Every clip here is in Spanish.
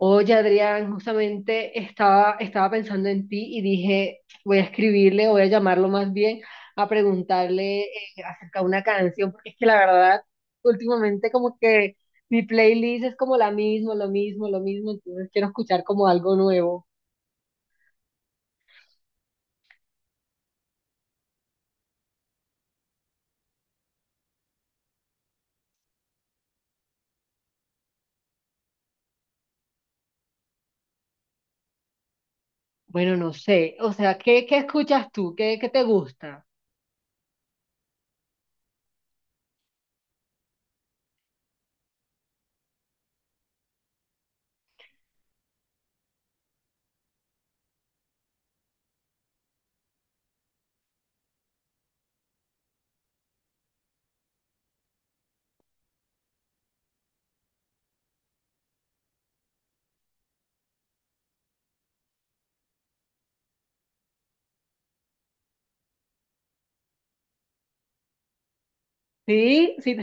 Oye, Adrián, justamente estaba pensando en ti y dije, voy a escribirle, voy a llamarlo más bien a preguntarle acerca de una canción, porque es que la verdad, últimamente como que mi playlist es como la misma, lo mismo, entonces quiero escuchar como algo nuevo. Bueno, no sé, o sea, ¿qué escuchas tú? ¿Qué te gusta? ¿Sí? ¿Sí?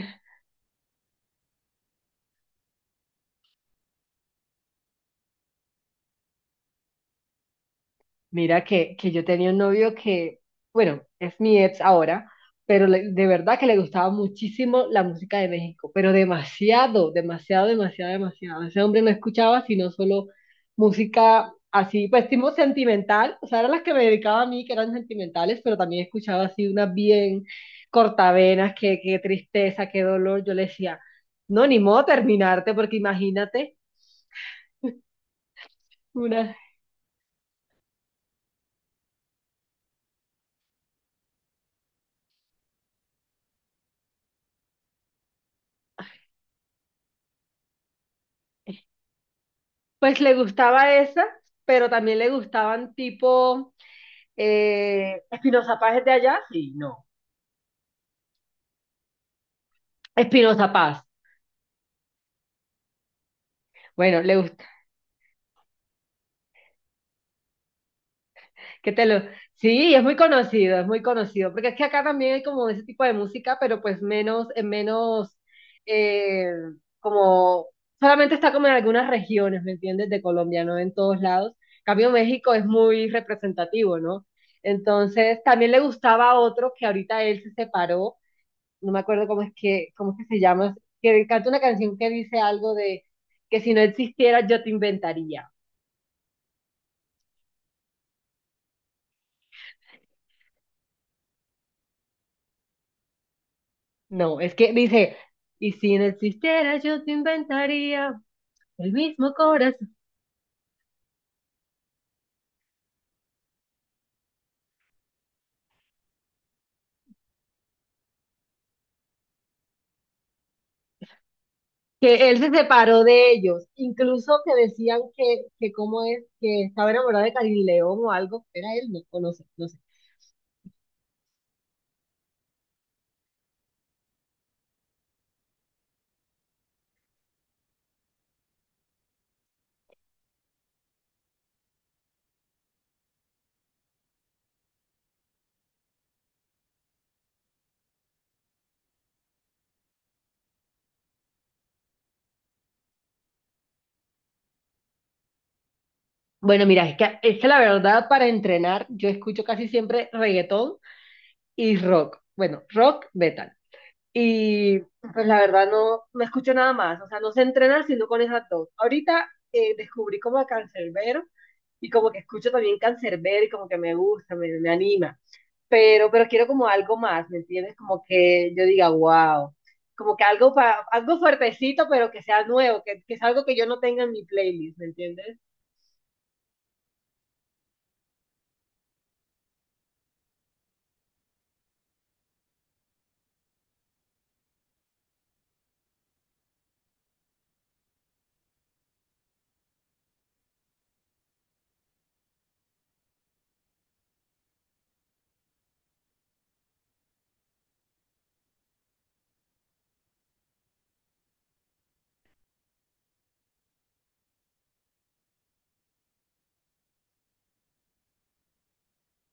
Mira que yo tenía un novio que, bueno, es mi ex ahora, pero de verdad que le gustaba muchísimo la música de México, pero demasiado, demasiado, demasiado, demasiado. Ese hombre no escuchaba sino solo música así, pues tipo sentimental, o sea, eran las que me dedicaba a mí, que eran sentimentales, pero también escuchaba así unas bien cortavenas, que qué tristeza, qué dolor. Yo le decía, no, ni modo terminarte, porque imagínate. Pues le gustaba esa, pero también le gustaban tipo Espinoza Paz es de allá, sí, no. Espinoza Paz. Bueno, le gusta. ¿Qué te lo... Sí, es muy conocido, porque es que acá también hay como ese tipo de música, pero pues menos, en menos, eh, como, solamente está como en algunas regiones, ¿me entiendes? De Colombia, no en todos lados. En cambio, México es muy representativo, ¿no? Entonces, también le gustaba a otro que ahorita él se separó. No me acuerdo cómo es que se llama, que canta una canción que dice algo de que si no existiera yo te inventaría. No, es que dice, y si no existiera yo te inventaría el mismo corazón. Que él se separó de ellos, incluso que decían que cómo es, que estaba enamorado de Karim León o algo, era él, no, o no sé, no sé. Bueno, mira, es que la verdad para entrenar yo escucho casi siempre reggaetón y rock. Bueno, rock metal. Y pues la verdad no, no escucho nada más, o sea, no sé entrenar sino con esas dos. Ahorita descubrí como a Cancerbero y como que escucho también Cancerbero y como que me gusta, me anima. Pero quiero como algo más, ¿me entiendes? Como que yo diga, wow, como que algo, algo fuertecito, pero que sea nuevo, que es algo que yo no tenga en mi playlist, ¿me entiendes?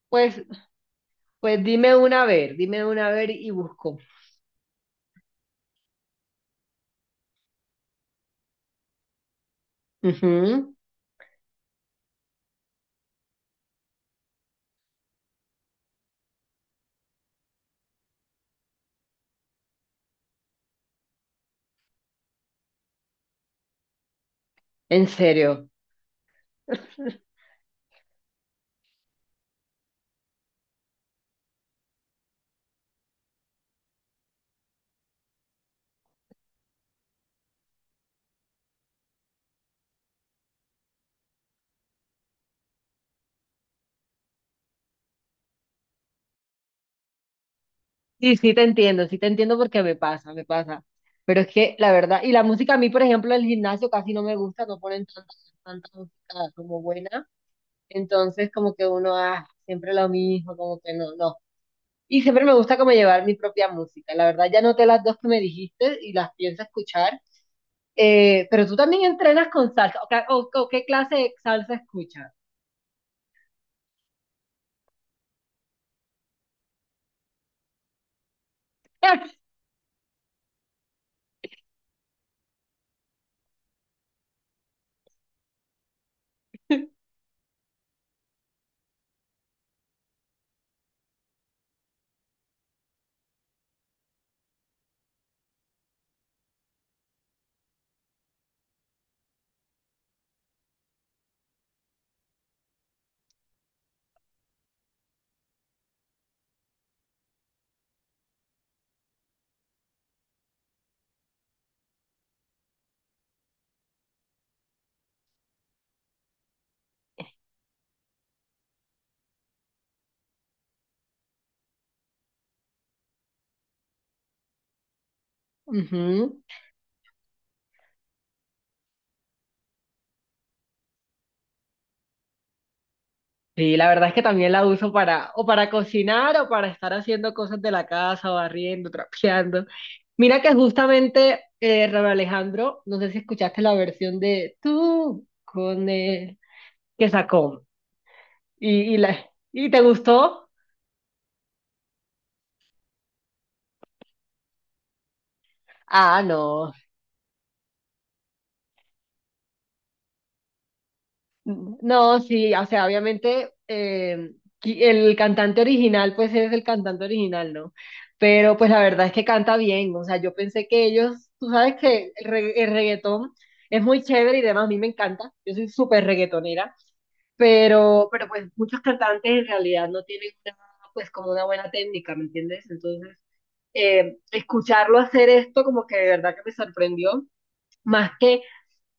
Pues, pues dime una a ver, dime una a ver y busco. Ujú. ¿En serio? Sí, sí te entiendo porque me pasa, me pasa. Pero es que la verdad, y la música a mí, por ejemplo, el gimnasio casi no me gusta, no ponen tanta, tanta música como buena. Entonces, como que uno, ah, siempre lo mismo, como que no, no. Y siempre me gusta como llevar mi propia música. La verdad, ya noté las dos que me dijiste y las pienso escuchar. Pero tú también entrenas con salsa. ¿O, o qué clase de salsa escuchas? Ujú. Sí, la verdad es que también la uso para, o para cocinar, o para estar haciendo cosas de la casa, barriendo, trapeando. Mira que justamente Raúl Alejandro, no sé si escuchaste la versión de tú con él, que sacó. Y, la, ¿y te gustó? Ah, no. No, sí, o sea, obviamente el cantante original, pues es el cantante original, ¿no? Pero pues la verdad es que canta bien, o sea, yo pensé que ellos, tú sabes que el, el reggaetón es muy chévere y demás, a mí me encanta, yo soy súper reggaetonera, pero pues muchos cantantes en realidad no tienen una, pues como una buena técnica, ¿me entiendes? Entonces, escucharlo hacer esto como que de verdad que me sorprendió, más que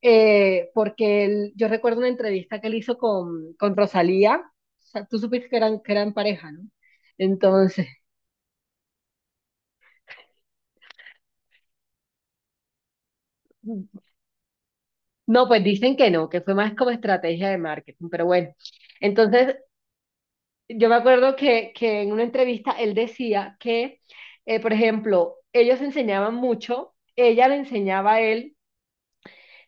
porque yo recuerdo una entrevista que él hizo con Rosalía, o sea, tú supiste que eran pareja, ¿no? Entonces, no, pues dicen que no, que fue más como estrategia de marketing, pero bueno, entonces yo me acuerdo que en una entrevista él decía que, por ejemplo, ellos enseñaban mucho, ella le enseñaba a él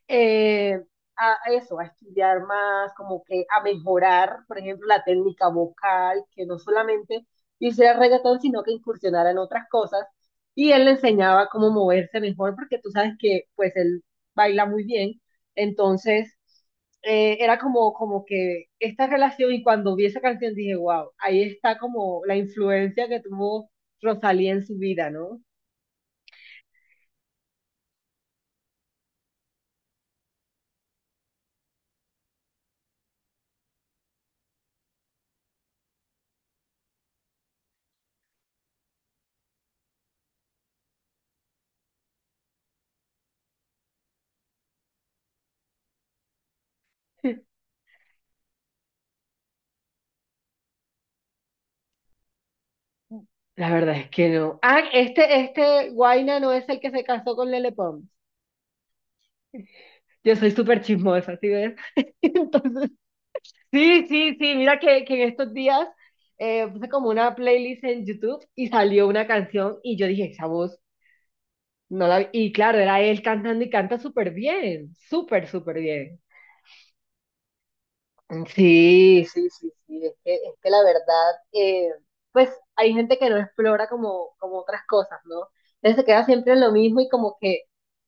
eh, a eso, a estudiar más, como que a mejorar, por ejemplo, la técnica vocal, que no solamente hiciera reggaetón, sino que incursionara en otras cosas. Y él le enseñaba cómo moverse mejor, porque tú sabes que pues él baila muy bien. Entonces, era como, como que esta relación y cuando vi esa canción dije, wow, ahí está como la influencia que tuvo Rosalía en su vida, ¿no? La verdad es que no. Ah, este Guaina no es el que se casó con Lele Pons. Yo soy súper chismosa, ¿sí ves? Entonces, sí, sí, sí, mira que en estos días puse como una playlist en YouTube y salió una canción y yo dije, esa voz, no la... Y claro, era él cantando y canta súper bien, súper, súper bien. Sí, sí, sí, sí. Es que la verdad, pues hay gente que no explora como, como otras cosas, ¿no? Entonces se queda siempre en lo mismo y como que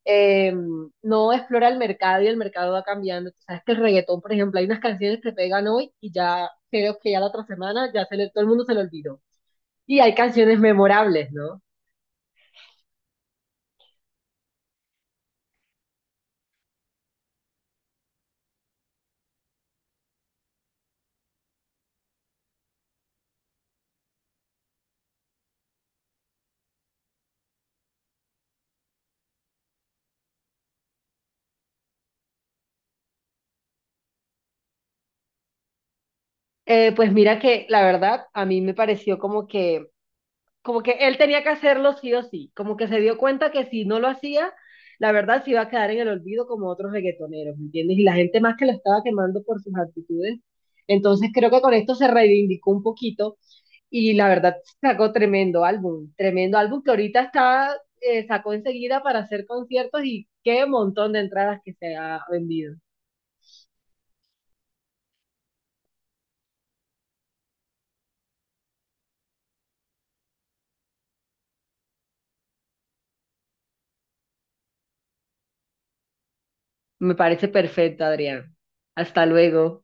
eh, no explora el mercado y el mercado va cambiando. Tú sabes que el reggaetón, por ejemplo, hay unas canciones que pegan hoy y ya creo que ya la otra semana ya todo el mundo se lo olvidó. Y hay canciones memorables, ¿no? Pues mira que la verdad a mí me pareció como que él tenía que hacerlo sí o sí, como que se dio cuenta que si no lo hacía, la verdad se iba a quedar en el olvido como otros reggaetoneros, ¿me entiendes? Y la gente más que lo estaba quemando por sus actitudes. Entonces creo que con esto se reivindicó un poquito y la verdad sacó tremendo álbum que ahorita está, sacó enseguida para hacer conciertos y qué montón de entradas que se ha vendido. Me parece perfecto, Adrián. Hasta luego.